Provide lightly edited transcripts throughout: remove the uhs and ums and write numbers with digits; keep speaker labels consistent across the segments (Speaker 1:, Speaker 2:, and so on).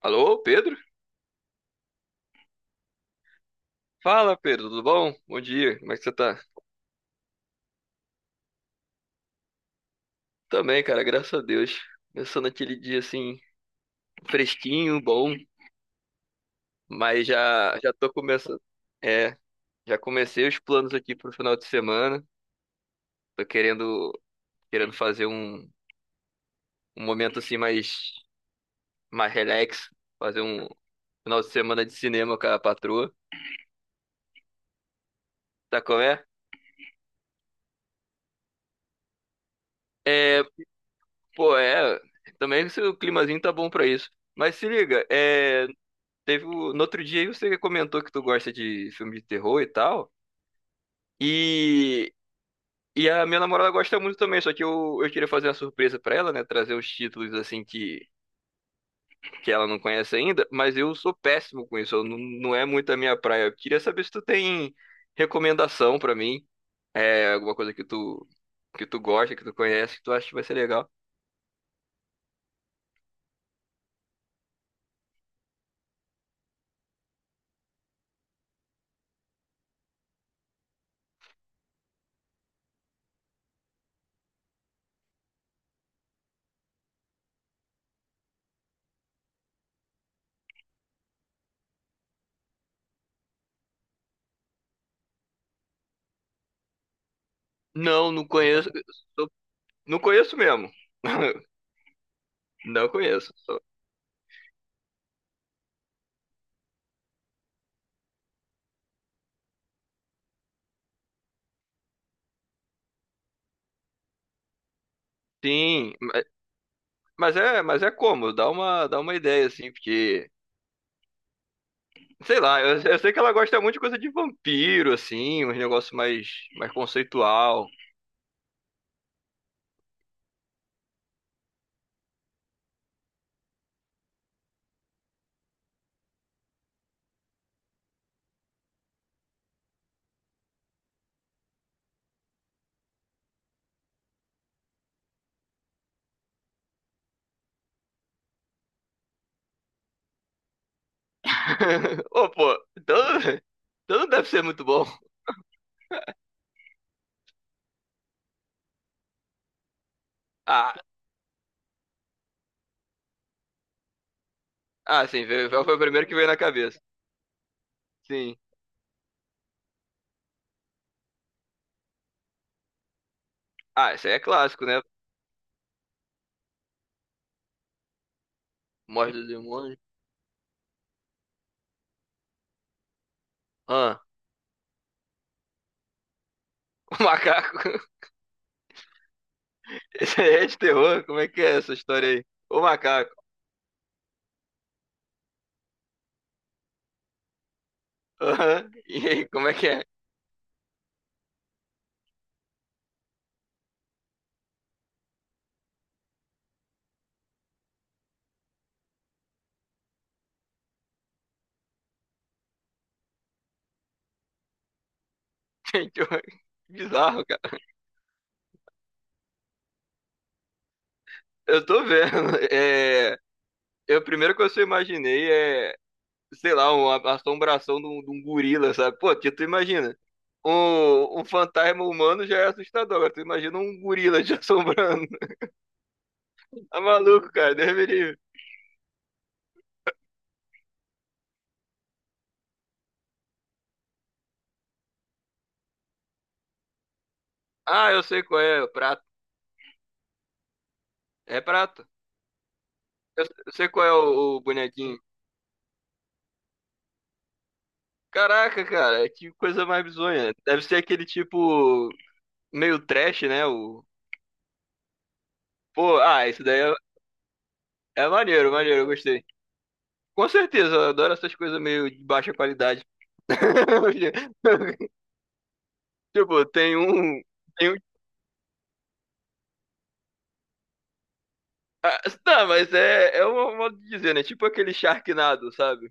Speaker 1: Alô, Pedro? Fala, Pedro, tudo bom? Bom dia, como é que você tá? Também, cara, graças a Deus. Começando aquele dia assim, fresquinho, bom, mas já já tô começando. É, já comecei os planos aqui pro final de semana. Tô querendo fazer um momento assim mais relax, fazer um final de semana de cinema com a patroa. Tá como é? É, pô, é, também se o climazinho tá bom pra isso. Mas se liga, é. No outro dia aí você comentou que tu gosta de filme de terror e tal. E, e a minha namorada gosta muito também, só que eu queria fazer uma surpresa pra ela, né? Trazer os títulos assim que ela não conhece ainda, mas eu sou péssimo com isso, eu não, não é muito a minha praia. Eu queria saber se tu tem recomendação pra mim, alguma coisa que tu gosta, que tu conhece, que tu acha que vai ser legal. Não, não conheço, sou- não conheço mesmo. Não conheço. Sou- Sim. Mas mas é como, dá uma ideia, assim, porque, sei lá, eu sei que ela gosta muito de coisa de vampiro, assim, uns negócios mais conceitual. Ô, pô, então, então não deve ser muito bom. Ah, foi o primeiro que veio na cabeça. Sim. Ah, esse aí é clássico, né? Morte do Demônio. Ah, o macaco. Esse aí é de terror, como é que é essa história aí? O macaco. Aham. E aí, como é que é? Gente, bizarro, cara. Eu tô vendo. É. Primeiro que eu só imaginei é, sei lá, uma assombração de um gorila, sabe? Pô, que tu imagina. Um fantasma humano já é assustador. Agora tu imagina um gorila te assombrando. Tá maluco, cara, Deus me livre. Ah, eu sei qual é, o prato. É prato. Eu sei qual é o bonequinho. Caraca, cara, é que coisa mais bizonha. Deve ser aquele tipo meio trash, né? O... Pô, ah, isso daí é, é maneiro, maneiro, eu gostei. Com certeza, eu adoro essas coisas meio de baixa qualidade. Tipo, tem um. Tem um... Ah, tá, mas é um modo de dizer, né? Tipo aquele Sharknado, sabe?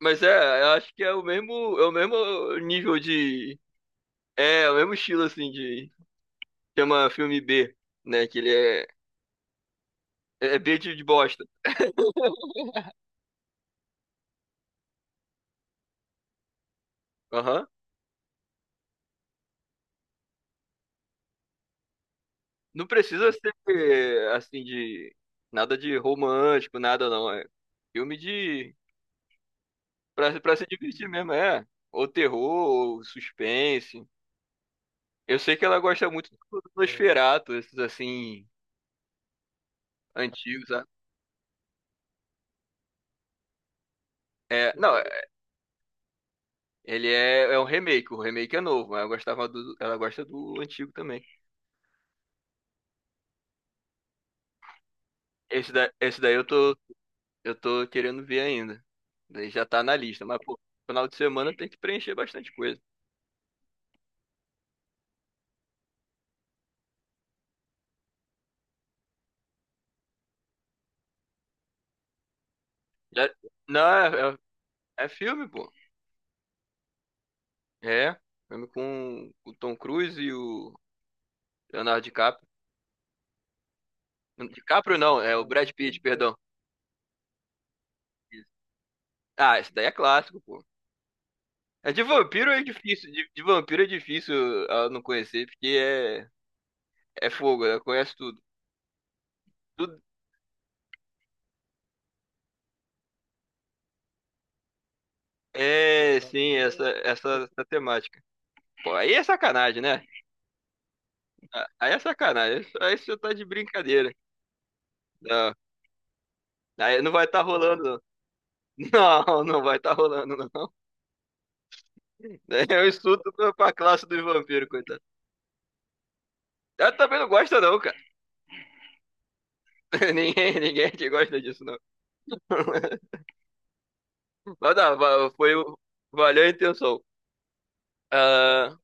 Speaker 1: Mas é, eu acho que é o mesmo nível de. É, é o mesmo estilo, assim, de. Chama filme B, né? Que ele é. É é B de bosta. Aham. Não precisa ser, assim, de. Nada de romântico, nada não. É filme de. Pra, pra se divertir mesmo, é. Ou terror, ou suspense. Eu sei que ela gosta muito do Nosferatu, esses assim, antigos, sabe? É, não, é, ele é, é um remake, o remake é novo, mas eu gostava do, ela gosta do antigo também. Esse daí eu tô querendo ver ainda. Daí já tá na lista, mas pô, final de semana tem que preencher bastante coisa. Já- não, é, é filme, pô. É, filme com o Tom Cruise e o Leonardo DiCaprio. DiCaprio não, é o Brad Pitt, perdão. Isso. Ah, esse daí é clássico, pô. É de vampiro é difícil, de vampiro é difícil ah, não conhecer, porque é, é fogo, né? Conhece tudo. Tudo- É, sim, essa temática. Pô, aí é sacanagem, né? Ah, aí é sacanagem, aí você tá de brincadeira. Não, aí não vai estar rolando, não. Não, não vai estar rolando, não. Eu estudo pra pra classe dos vampiros, coitado. Eu também não gosta não, cara. Ninguém, ninguém aqui gosta disso, não. Mas não, va- foi, o- valeu a intenção. Ah,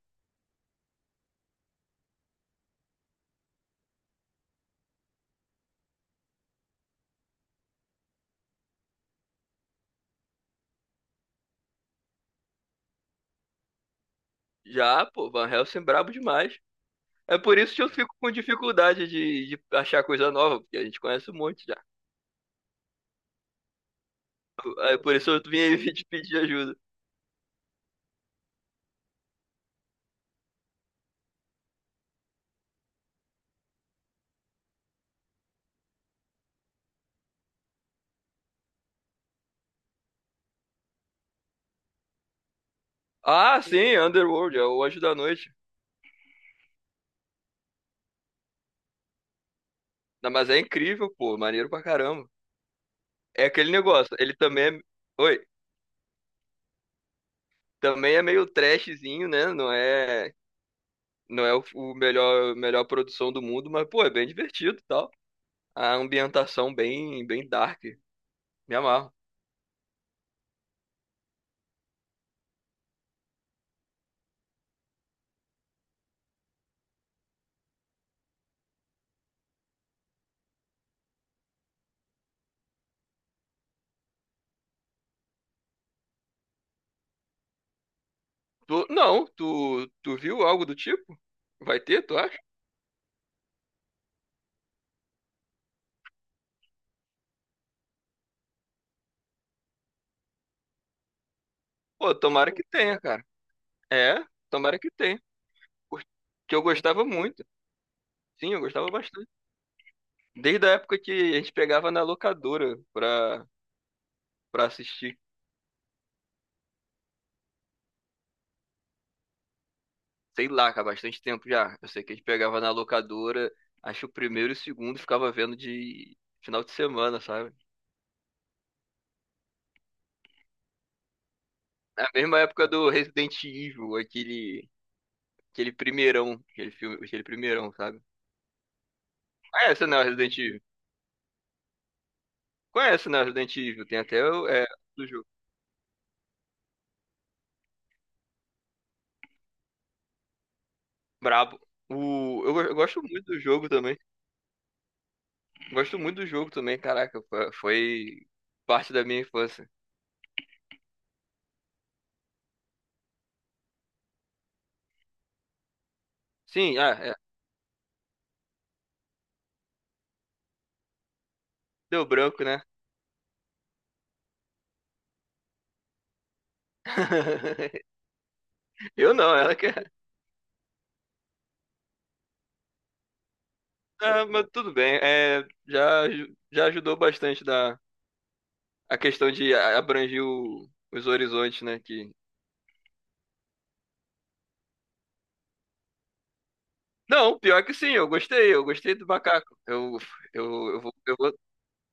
Speaker 1: já, pô, Van Helsing é brabo demais. É por isso que eu fico com dificuldade de achar coisa nova, porque a gente conhece um monte já. É por isso eu vim aí te pedir ajuda. Ah, sim, Underworld, é o Anjo da Noite. Não, mas é incrível, pô, maneiro pra caramba. É aquele negócio, ele também é... Oi, também é meio trashzinho, né? Não é, não é o melhor, melhor produção do mundo, mas, pô, é bem divertido e tal. A ambientação bem, bem dark. Me amarro. Tu, não, tu, tu viu algo do tipo? Vai ter, tu acha? Pô, tomara que tenha, cara. É, tomara que tenha. Por- Que eu gostava muito. Sim, eu gostava bastante. Desde a época que a gente pegava na locadora pra, pra assistir. Sei lá, cara, há bastante tempo já. Eu sei que a gente pegava na locadora, acho que o primeiro e o segundo ficava vendo de final de semana, sabe? Na mesma época do Resident Evil, aquele, aquele primeirão, aquele filme, aquele primeirão, sabe? Ah, essa não é o Resident Evil. Conhece, né? Resident Evil. Tem até o- é, do jogo. Brabo. O, eu gosto muito do jogo também. Gosto muito do jogo também, caraca. Fo- Foi parte da minha infância. Sim, ah, é. Deu branco, né? Eu não, ela quer. Ah, mas tudo bem. É, já, aju- já ajudou bastante da, a questão de a- abranger o- os horizontes, né? Que... Não, pior que sim, eu gostei. Eu gostei do macaco. Eu, eu vou, eu vou.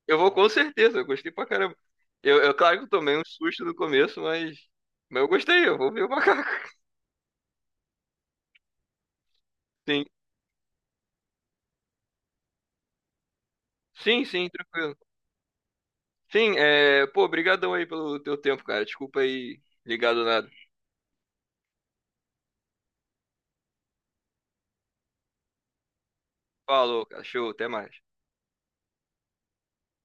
Speaker 1: Eu vou com certeza, eu gostei pra caramba. Eu claro que eu tomei um susto no começo, mas eu gostei, eu vou ver o macaco. Sim, sim, sim, tranquilo. Sim, é, pô, brigadão aí pelo teu tempo, cara. Desculpa aí, ligado nada. Falou, cara, show, até mais.